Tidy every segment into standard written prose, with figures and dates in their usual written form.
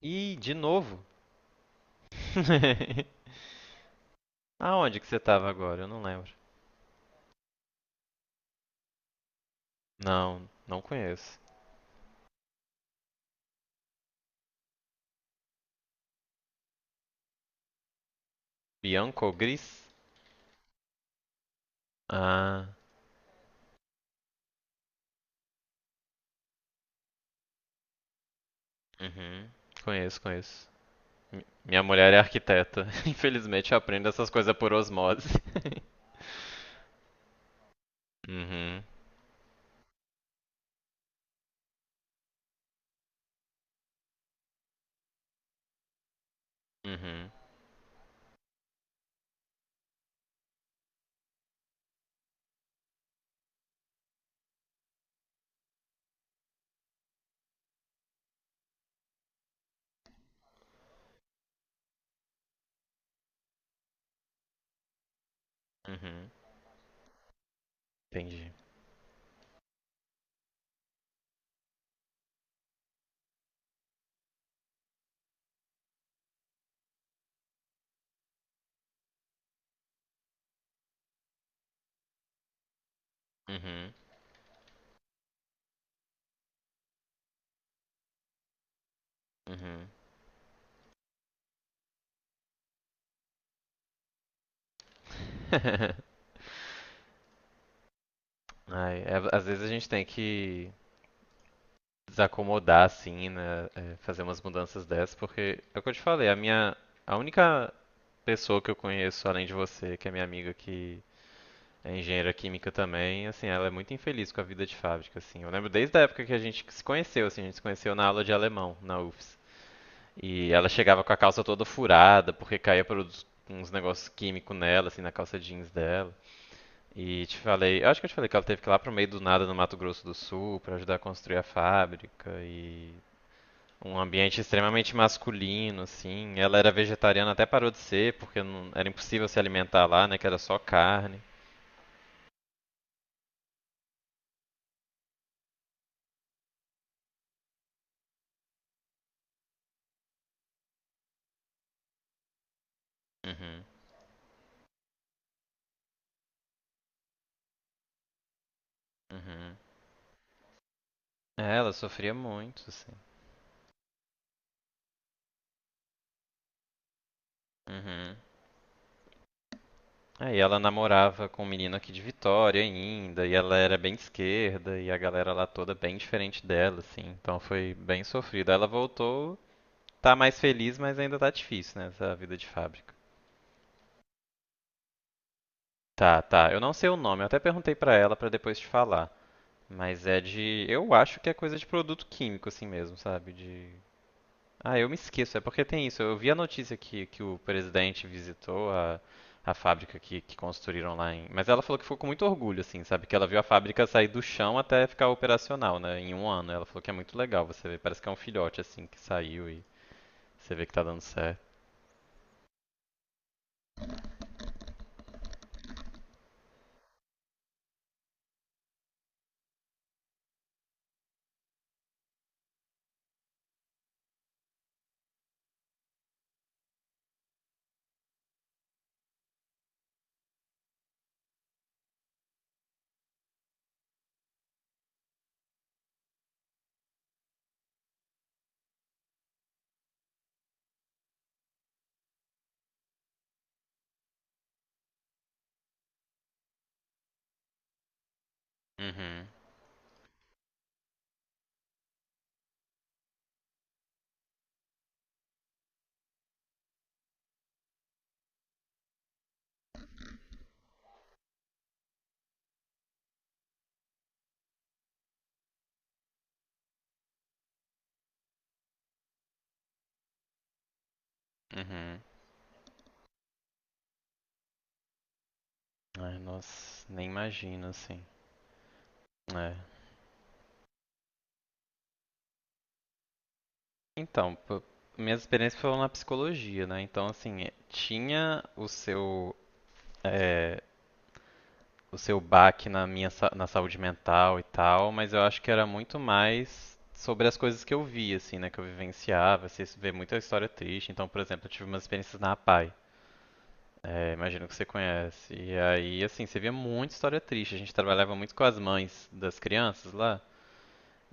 Ih, de novo? Aonde que você tava agora? Eu não lembro. Não, não conheço. Bianco Gris? Ah, uhum. Conheço, conheço. Minha mulher é arquiteta. Infelizmente eu aprendo essas coisas por osmose. Uhum, uhum, uhum. Entendi. Uhum, uhum. Ai, às vezes a gente tem que desacomodar assim, né? É, fazer umas mudanças dessas, porque é o que eu te falei, a minha. A única pessoa que eu conheço, além de você, que é minha amiga que é engenheira química também, assim, ela é muito infeliz com a vida de fábrica, assim. Eu lembro desde a época que a gente se conheceu, assim, a gente se conheceu na aula de alemão, na UFS. E ela chegava com a calça toda furada, porque caía produtos, uns negócios químicos nela, assim, na calça jeans dela. E te falei, eu acho que eu te falei que ela teve que ir lá pro meio do nada no Mato Grosso do Sul pra ajudar a construir a fábrica e um ambiente extremamente masculino, assim. Ela era vegetariana, até parou de ser, porque era impossível se alimentar lá, né? Que era só carne. Uhum, uhum. É, ela sofria muito, assim. Uhum. Aí ela namorava com um menino aqui de Vitória ainda, e ela era bem de esquerda, e a galera lá toda bem diferente dela, assim. Então foi bem sofrido. Aí ela voltou, tá mais feliz, mas ainda tá difícil, né? Essa vida de fábrica. Tá, tá. Eu não sei o nome, eu até perguntei pra ela pra depois te falar. Mas é de. Eu acho que é coisa de produto químico, assim mesmo, sabe? De. Ah, eu me esqueço, é porque tem isso. Eu vi a notícia que o presidente visitou a fábrica que construíram lá em. Mas ela falou que ficou com muito orgulho, assim, sabe? Que ela viu a fábrica sair do chão até ficar operacional, né? Em um ano. Ela falou que é muito legal você vê. Parece que é um filhote, assim, que saiu e você vê que tá dando certo. Uhum, uhum. Ai, nossa, nem imagino, assim. É. Então, minhas experiências foram na psicologia, né? Então, assim, tinha o seu, eh, o seu baque na minha na saúde mental e tal, mas eu acho que era muito mais sobre as coisas que eu via, assim, né? Que eu vivenciava. Você vê muita história triste. Então, por exemplo, eu tive umas experiências na APAE. Eh, imagino que você conhece. E aí, assim, você via muita história triste. A gente trabalhava muito com as mães das crianças lá.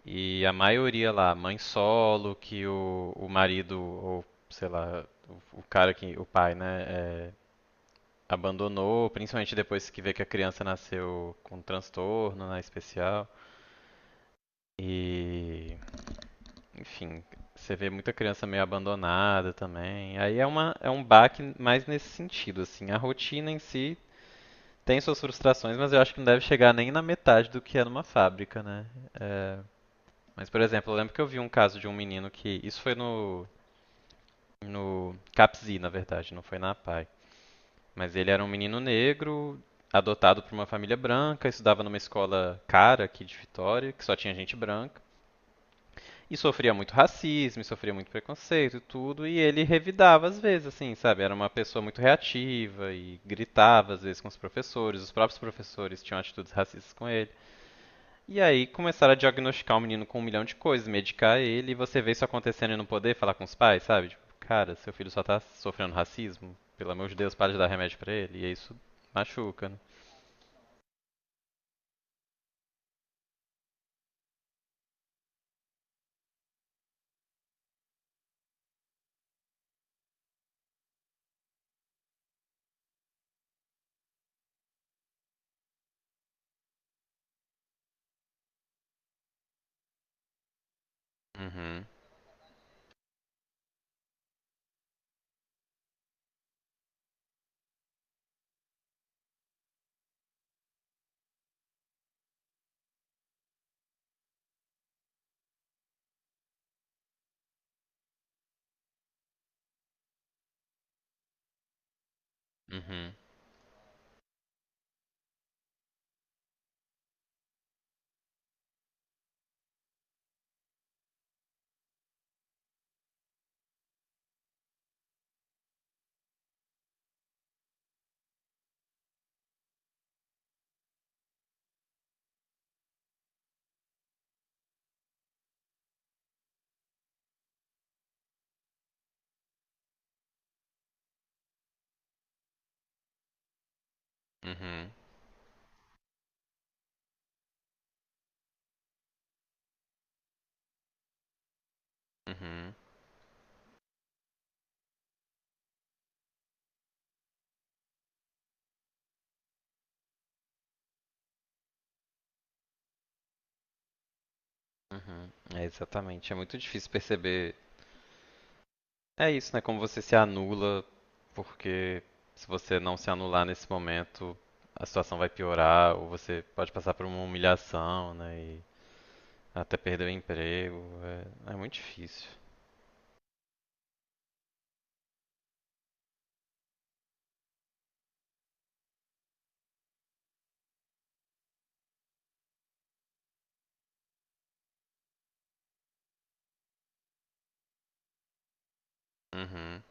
E a maioria lá, mãe solo, que o marido, ou sei lá, o cara que, o pai, né, é, abandonou, principalmente depois que vê que a criança nasceu com transtorno, né, especial. E, enfim, você vê muita criança meio abandonada também. Aí é uma, é um baque mais nesse sentido, assim. A rotina em si tem suas frustrações, mas eu acho que não deve chegar nem na metade do que é numa fábrica, né? É, mas, por exemplo, eu lembro que eu vi um caso de um menino que. Isso foi no CAPSI, na verdade, não foi na APAE. Mas ele era um menino negro, adotado por uma família branca, estudava numa escola cara aqui de Vitória, que só tinha gente branca. E sofria muito racismo, e sofria muito preconceito e tudo, e ele revidava às vezes, assim, sabe? Era uma pessoa muito reativa e gritava às vezes com os professores, os próprios professores tinham atitudes racistas com ele. E aí começaram a diagnosticar o menino com um milhão de coisas, medicar ele, e você vê isso acontecendo e não poder falar com os pais, sabe? Tipo, cara, seu filho só tá sofrendo racismo, pelo amor de Deus, para de dar remédio pra ele, e isso machuca, né? Uhum, uhum, uhum, uhum, uhum. É exatamente, é muito difícil perceber. É isso, né? Como você se anula, porque se você não se anular nesse momento, a situação vai piorar, ou você pode passar por uma humilhação, né? E até perder o emprego. É, é muito difícil. Uhum,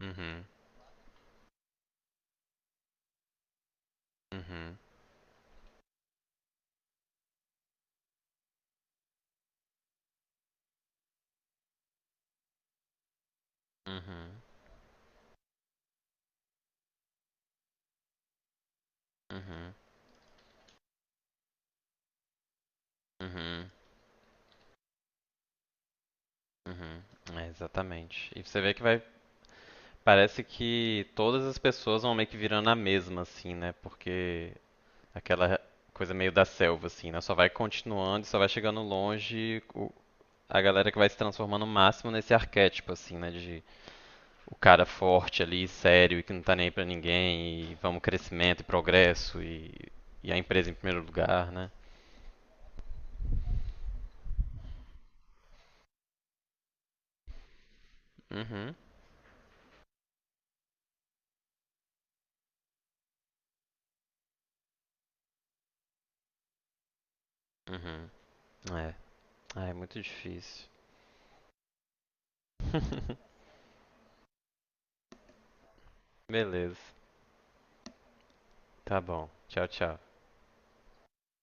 uhum, uhum, uhum, uhum, uhum, uhum. É, exatamente. E você vê que vai. Parece que todas as pessoas vão meio que virando a mesma, assim, né? Porque aquela coisa meio da selva, assim, né? Só vai continuando e só vai chegando longe a galera que vai se transformando o máximo nesse arquétipo, assim, né? De o cara forte ali, sério e que não tá nem aí pra ninguém, e vamos crescimento e progresso e a empresa em primeiro lugar, né? Uhum, uhum. É. Ah, é muito difícil. Beleza, tá bom. Tchau, tchau.